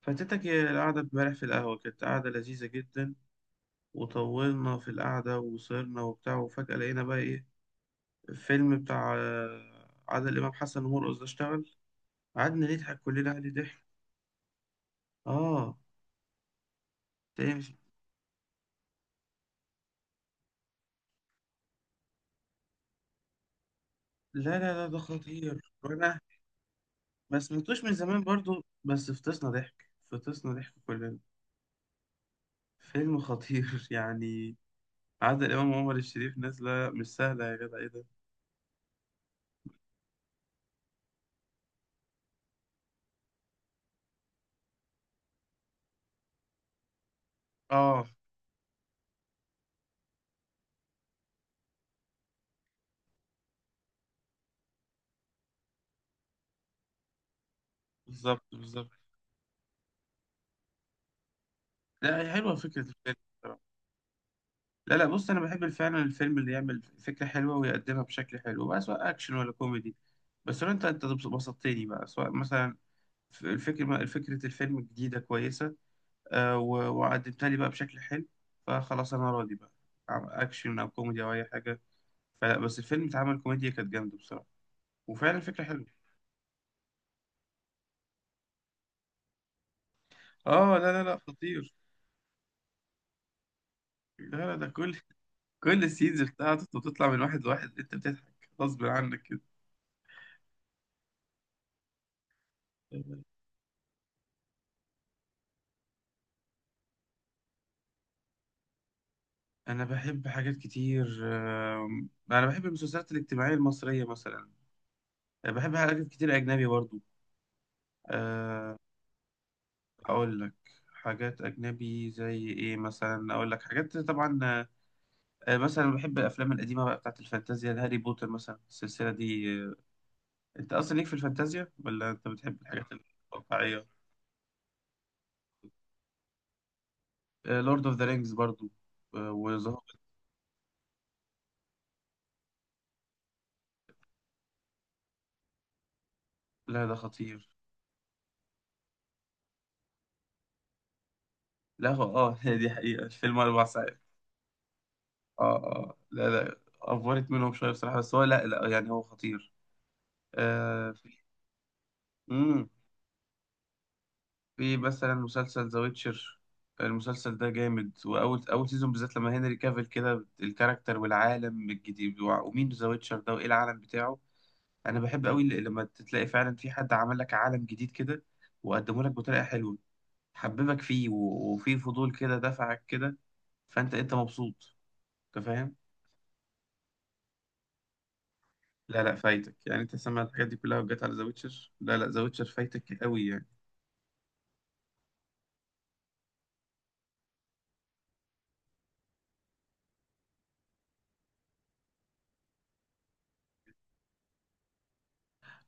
فاتتك القعدة امبارح في القهوة، كانت قعدة لذيذة جدا. وطولنا في القعدة وصرنا وبتاع، وفجأة لقينا بقى إيه؟ الفيلم بتاع عادل إمام، حسن ومرقص ده اشتغل. قعدنا نضحك كلنا عليه ضحك. آه. تلاقيه مش- لا لا لا، ده خطير. وأنا ما سمعتوش من زمان برضو، بس فطسنا ضحك، فطسنا ضحك كلنا. فيلم خطير يعني. عادل إمام وعمر الشريف نازلة مش سهلة، يا جدع إيه ده؟ آه، بالظبط بالظبط. لا، هي حلوة فكرة الفيلم. لا لا، بص، انا بحب فعلا الفيلم اللي يعمل فكره حلوه ويقدمها بشكل حلو بقى، سواء اكشن ولا كوميدي. بس لو انت بسطتني بقى، سواء مثلا فكره الفيلم جديده كويسه، وقدمتها لي بقى بشكل حلو، فخلاص انا راضي بقى. اكشن او كوميدي او اي حاجه. فلا، بس الفيلم اتعمل كوميديا كانت جامده بصراحه، وفعلا فكره حلوه. اه، لا لا لا، خطير. لا لا، ده كل السينز بتاعته بتطلع من واحد لواحد، انت بتضحك غصب عنك كده. انا بحب حاجات كتير. انا بحب المسلسلات الاجتماعيه المصريه مثلا، بحب حاجات كتير اجنبي برضو، آه. اقول لك حاجات اجنبي زي ايه، مثلا اقول لك حاجات. طبعا، مثلا بحب الافلام القديمه بقى بتاعت الفانتازيا. هاري بوتر مثلا السلسله دي، آه. انت اصلا ليك في الفانتازيا ولا انت بتحب الحاجات الواقعيه؟ لورد اوف ذا رينجز برضو، وذا هوبيت. لا، ده خطير. لا دي حقيقه، الفيلم 4 ساعات. اه اه، لا لا، افورت منهم شويه بصراحه، بس هو لا لا، يعني هو خطير. آه. في مم. في مثلا مسلسل ذا ويتشر. المسلسل ده جامد، واول سيزون بالذات، لما هنري كافيل كده الكاركتر والعالم الجديد، ومين ذا ويتشر ده وايه العالم بتاعه. انا بحب قوي لما تلاقي فعلا في حد عمل لك عالم جديد كده وقدمه لك بطريقه حلوه، حببك فيه، وفي فضول كده دفعك كده. فانت مبسوط، انت فاهم. لا لا، فايتك يعني، انت سمع الحاجات دي كلها وجت على ذا ويتشر؟ لا لا، ذا ويتشر فايتك قوي يعني.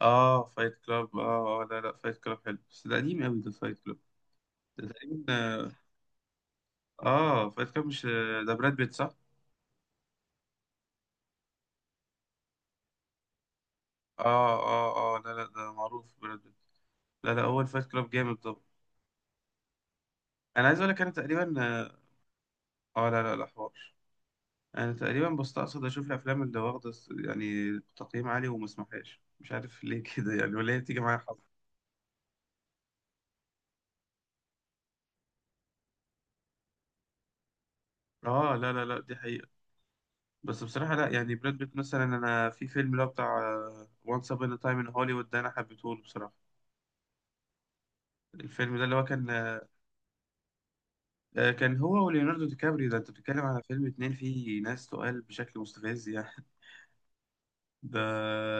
اه، فايت كلاب. اه اه، لا لا، فايت كلاب حلو بس ده قديم قوي ده، فايت كلاب ده تقريبا. اه، فايت كلاب، مش ده براد بيت؟ صح. اه اه اه، لا لا، ده معروف براد بيت. لا لا، اول فايت كلاب جامد طبعا. انا عايز اقول لك، انا تقريبا اه، لا لا لا، حوار. انا تقريبا بستقصد اشوف الافلام اللي واخده يعني تقييم عالي، وما اسمحهاش مش عارف ليه كده يعني، ولا هي بتيجي معايا حظ. اه، لا لا لا، دي حقيقة. بس بصراحة لا، يعني براد بيت مثلا، أنا في فيلم اللي هو بتاع وانس أبون تايم إن هوليوود ده، أنا حبيته له بصراحة. الفيلم ده اللي هو كان، كان هو وليوناردو دي كابريو ده. أنت بتتكلم على فيلم اتنين فيه ناس تقال بشكل مستفز يعني ده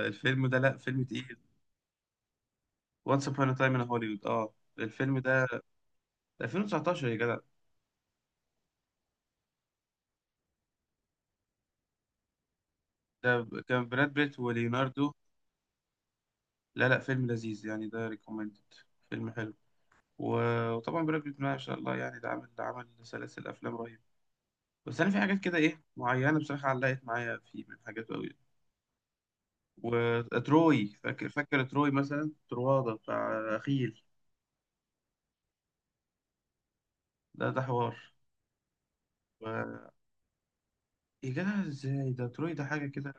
الفيلم ده، لا، فيلم تقيل. وانس أبون تايم إن هوليوود، أه. الفيلم ده 2019 يا جدع. كان براد بيت وليوناردو. لا لا، فيلم لذيذ يعني، ده ريكومندد، فيلم حلو. وطبعا براد بيت ما شاء الله يعني، ده عمل سلاسل أفلام رهيبة. بس انا في حاجات كده ايه معينه بصراحه علقت معايا، في من حاجات قوي. وتروي، فاكر تروي؟ مثلا ترواده بتاع اخيل، ده ده حوار. و... يا جدع ازاي، ده تروي ده حاجه كده.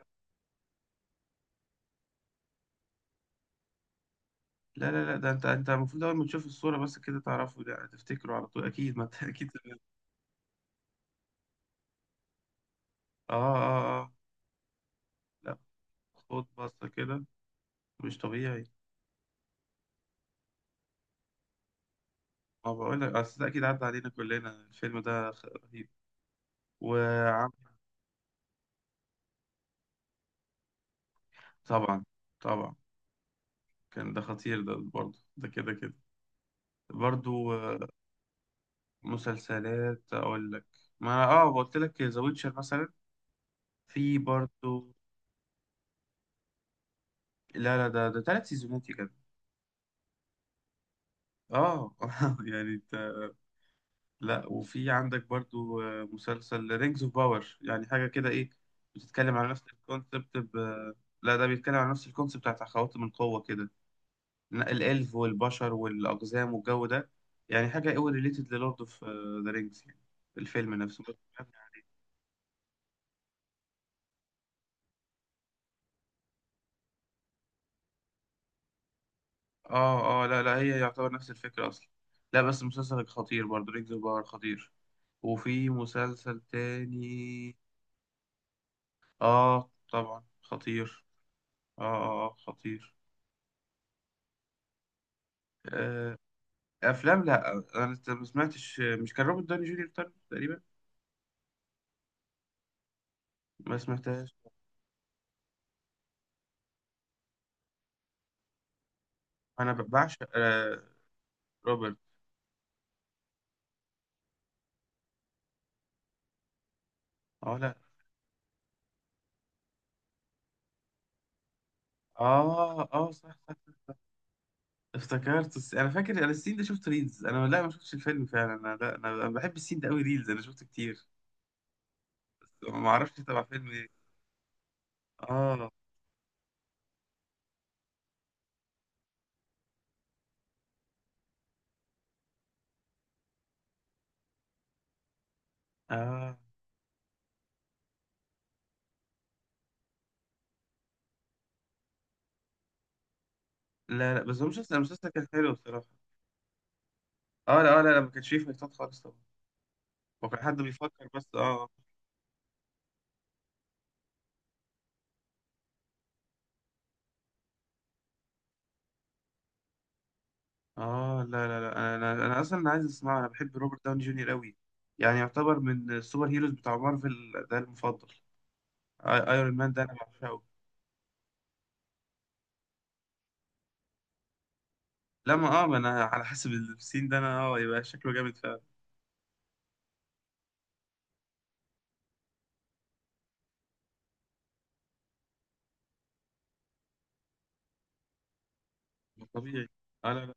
لا لا لا، ده انت المفروض اول ما تشوف الصوره بس كده تعرفه، ده تفتكره على طول اكيد، ما انت اكيد سمعت. اه اه اه، لا. خد بصه كده، مش طبيعي. ما بقول لك، اصل ده اكيد عدى علينا كلنا، الفيلم ده رهيب. وعم، طبعا طبعا. كان ده خطير ده برضه، ده كده كده برضو، آه. مسلسلات اقول لك. ما اه، قلت لك ذا ويتشر مثلا، في برضو. لا لا، ده 3 سيزونات يا جدع. اه يعني انت. لا، وفي عندك برضو، آه، مسلسل رينجز اوف باور يعني حاجه كده ايه، بتتكلم على نفس الكونسبت لا، ده بيتكلم على نفس الكونسبت بتاعت خواتم القوه كده، الالف والبشر والاقزام والجو ده يعني، حاجه قوي ريليتد للورد اوف ذا رينجز يعني، الفيلم نفسه. اه اه، لا لا، هي يعتبر نفس الفكرة أصلا. لا بس مسلسل خطير برضه، رينج باور خطير. وفي مسلسل تاني. اه طبعا خطير. اه اه، آه، خطير. آه، أفلام. لا أنا ما سمعتش، مش كان روبرت داني جونيور تاني تقريبا؟ ما سمعتهاش. أنا بعشق آه، روبرت. اه، لا. اه اه، صح صح. افتكرت انا فاكر انا السين ده، شفت ريلز انا، لا ما شفتش الفيلم فعلا انا. لا، انا بحب السين ده قوي، ريلز انا شفته كتير. بس ما اعرفش تبع فيلم إيه. اه اه، لا لا، بس هو المسلسل، كان حلو بصراحة. اه لا، لا لا، ما كانش فيه فايتات خالص طبعا. هو كان حد بيفكر بس، اه اه، لا لا لا، انا اصلا عايز اسمعه. انا بحب روبرت داوني جونيور قوي، يعني يعتبر من السوبر هيروز بتاع مارفل ده المفضل. ايرون مان ده انا بعشقه. لا، ما انا على حسب السين ده انا، اه، يبقى شكله جامد فعلا. طبيعي. اه، لا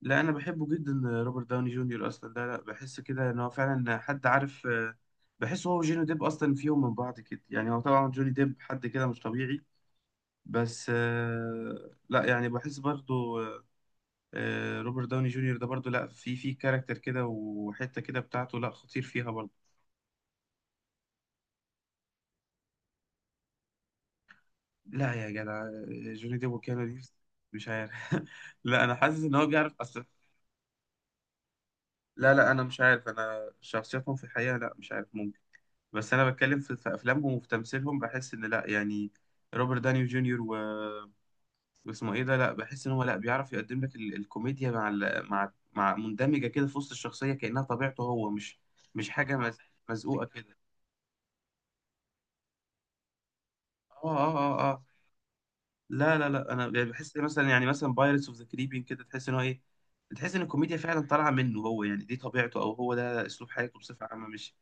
لا، انا بحبه جدا. روبرت داوني جونيور اصلا، لا لا، بحس كده ان هو فعلا حد عارف، آه. بحس هو وجوني ديب اصلا فيهم من بعض كده يعني، هو طبعا جوني ديب حد كده مش طبيعي. بس لا يعني بحس برضو، روبرت داوني جونيور ده برضو، لا في كاركتر كده وحتة كده بتاعته، لا خطير فيها برضو. لا يا جدع، جوني ديب وكيانو ريفز؟ مش عارف لا انا حاسس ان هو بيعرف اصلا. لا لا، انا مش عارف انا شخصياتهم في الحقيقة، لا مش عارف، بس انا بتكلم في افلامهم وفي تمثيلهم، بحس ان لا يعني روبرت دانيو جونيور واسمه ايه ده، لا بحس ان هو لا بيعرف يقدم لك الكوميديا مع مندمجه كده في وسط الشخصيه كانها طبيعته هو، مش مش حاجه مزقوقه كده. اه اه اه اه، لا لا لا، انا يعني بحس، مثلا يعني مثلا بايرتس اوف ذا كاريبيان كده، تحس ان هو ايه، تحس ان الكوميديا فعلا طالعه منه هو يعني، دي طبيعته او هو ده اسلوب حياته بصفه عامه مش.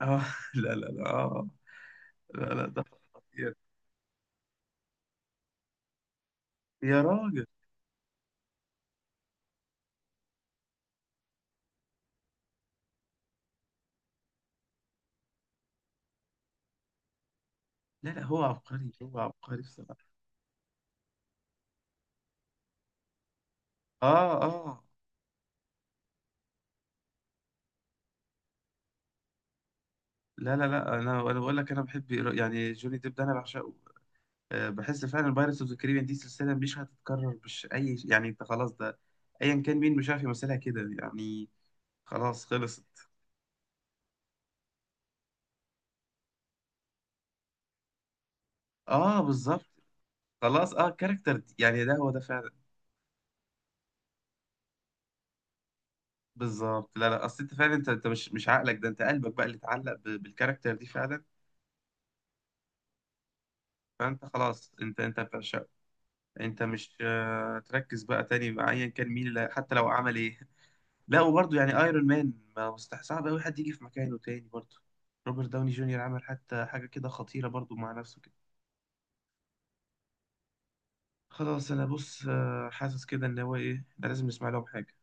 اه لا لا لا، آه. آه. لا لا، ده خطير. يا راجل. لا لا، هو عبقري، هو عبقري بصراحة. اه اه، لا لا لا، انا بقول لك، انا بحب يعني جوني ديب ده انا بعشقه، بحس فعلا بايرتس اوف ذا كاريبيان دي سلسلة مش هتتكرر، مش اي يعني، انت خلاص ده ايا كان مين مش عارف يمثلها كده يعني، خلاص خلصت. اه بالظبط. خلاص اه كاركتر، يعني ده هو ده فعلا. بالظبط، لا لا، اصل انت فعلا انت مش مش عقلك ده، انت قلبك بقى اللي اتعلق بالكاركتر دي فعلا. فانت خلاص، انت بتعشقه، انت مش تركز بقى تاني مع ايا كان مين اللي حتى لو عمل ايه. لا، وبرضه يعني ايرون مان ما مستح، صعب قوي حد يجي في مكانه تاني برضه. روبرت داوني جونيور عمل حتى حاجه كده خطيره برضه مع نفسه كده. خلاص، انا بص، حاسس كده ان هو ايه، ده لازم نسمع لهم حاجه.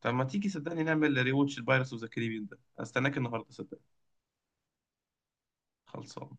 طب ما تيجي صدقني نعمل ريواتش البايرتس اوف ذا كاريبيان ده، استناك النهارده صدقني. خلصان.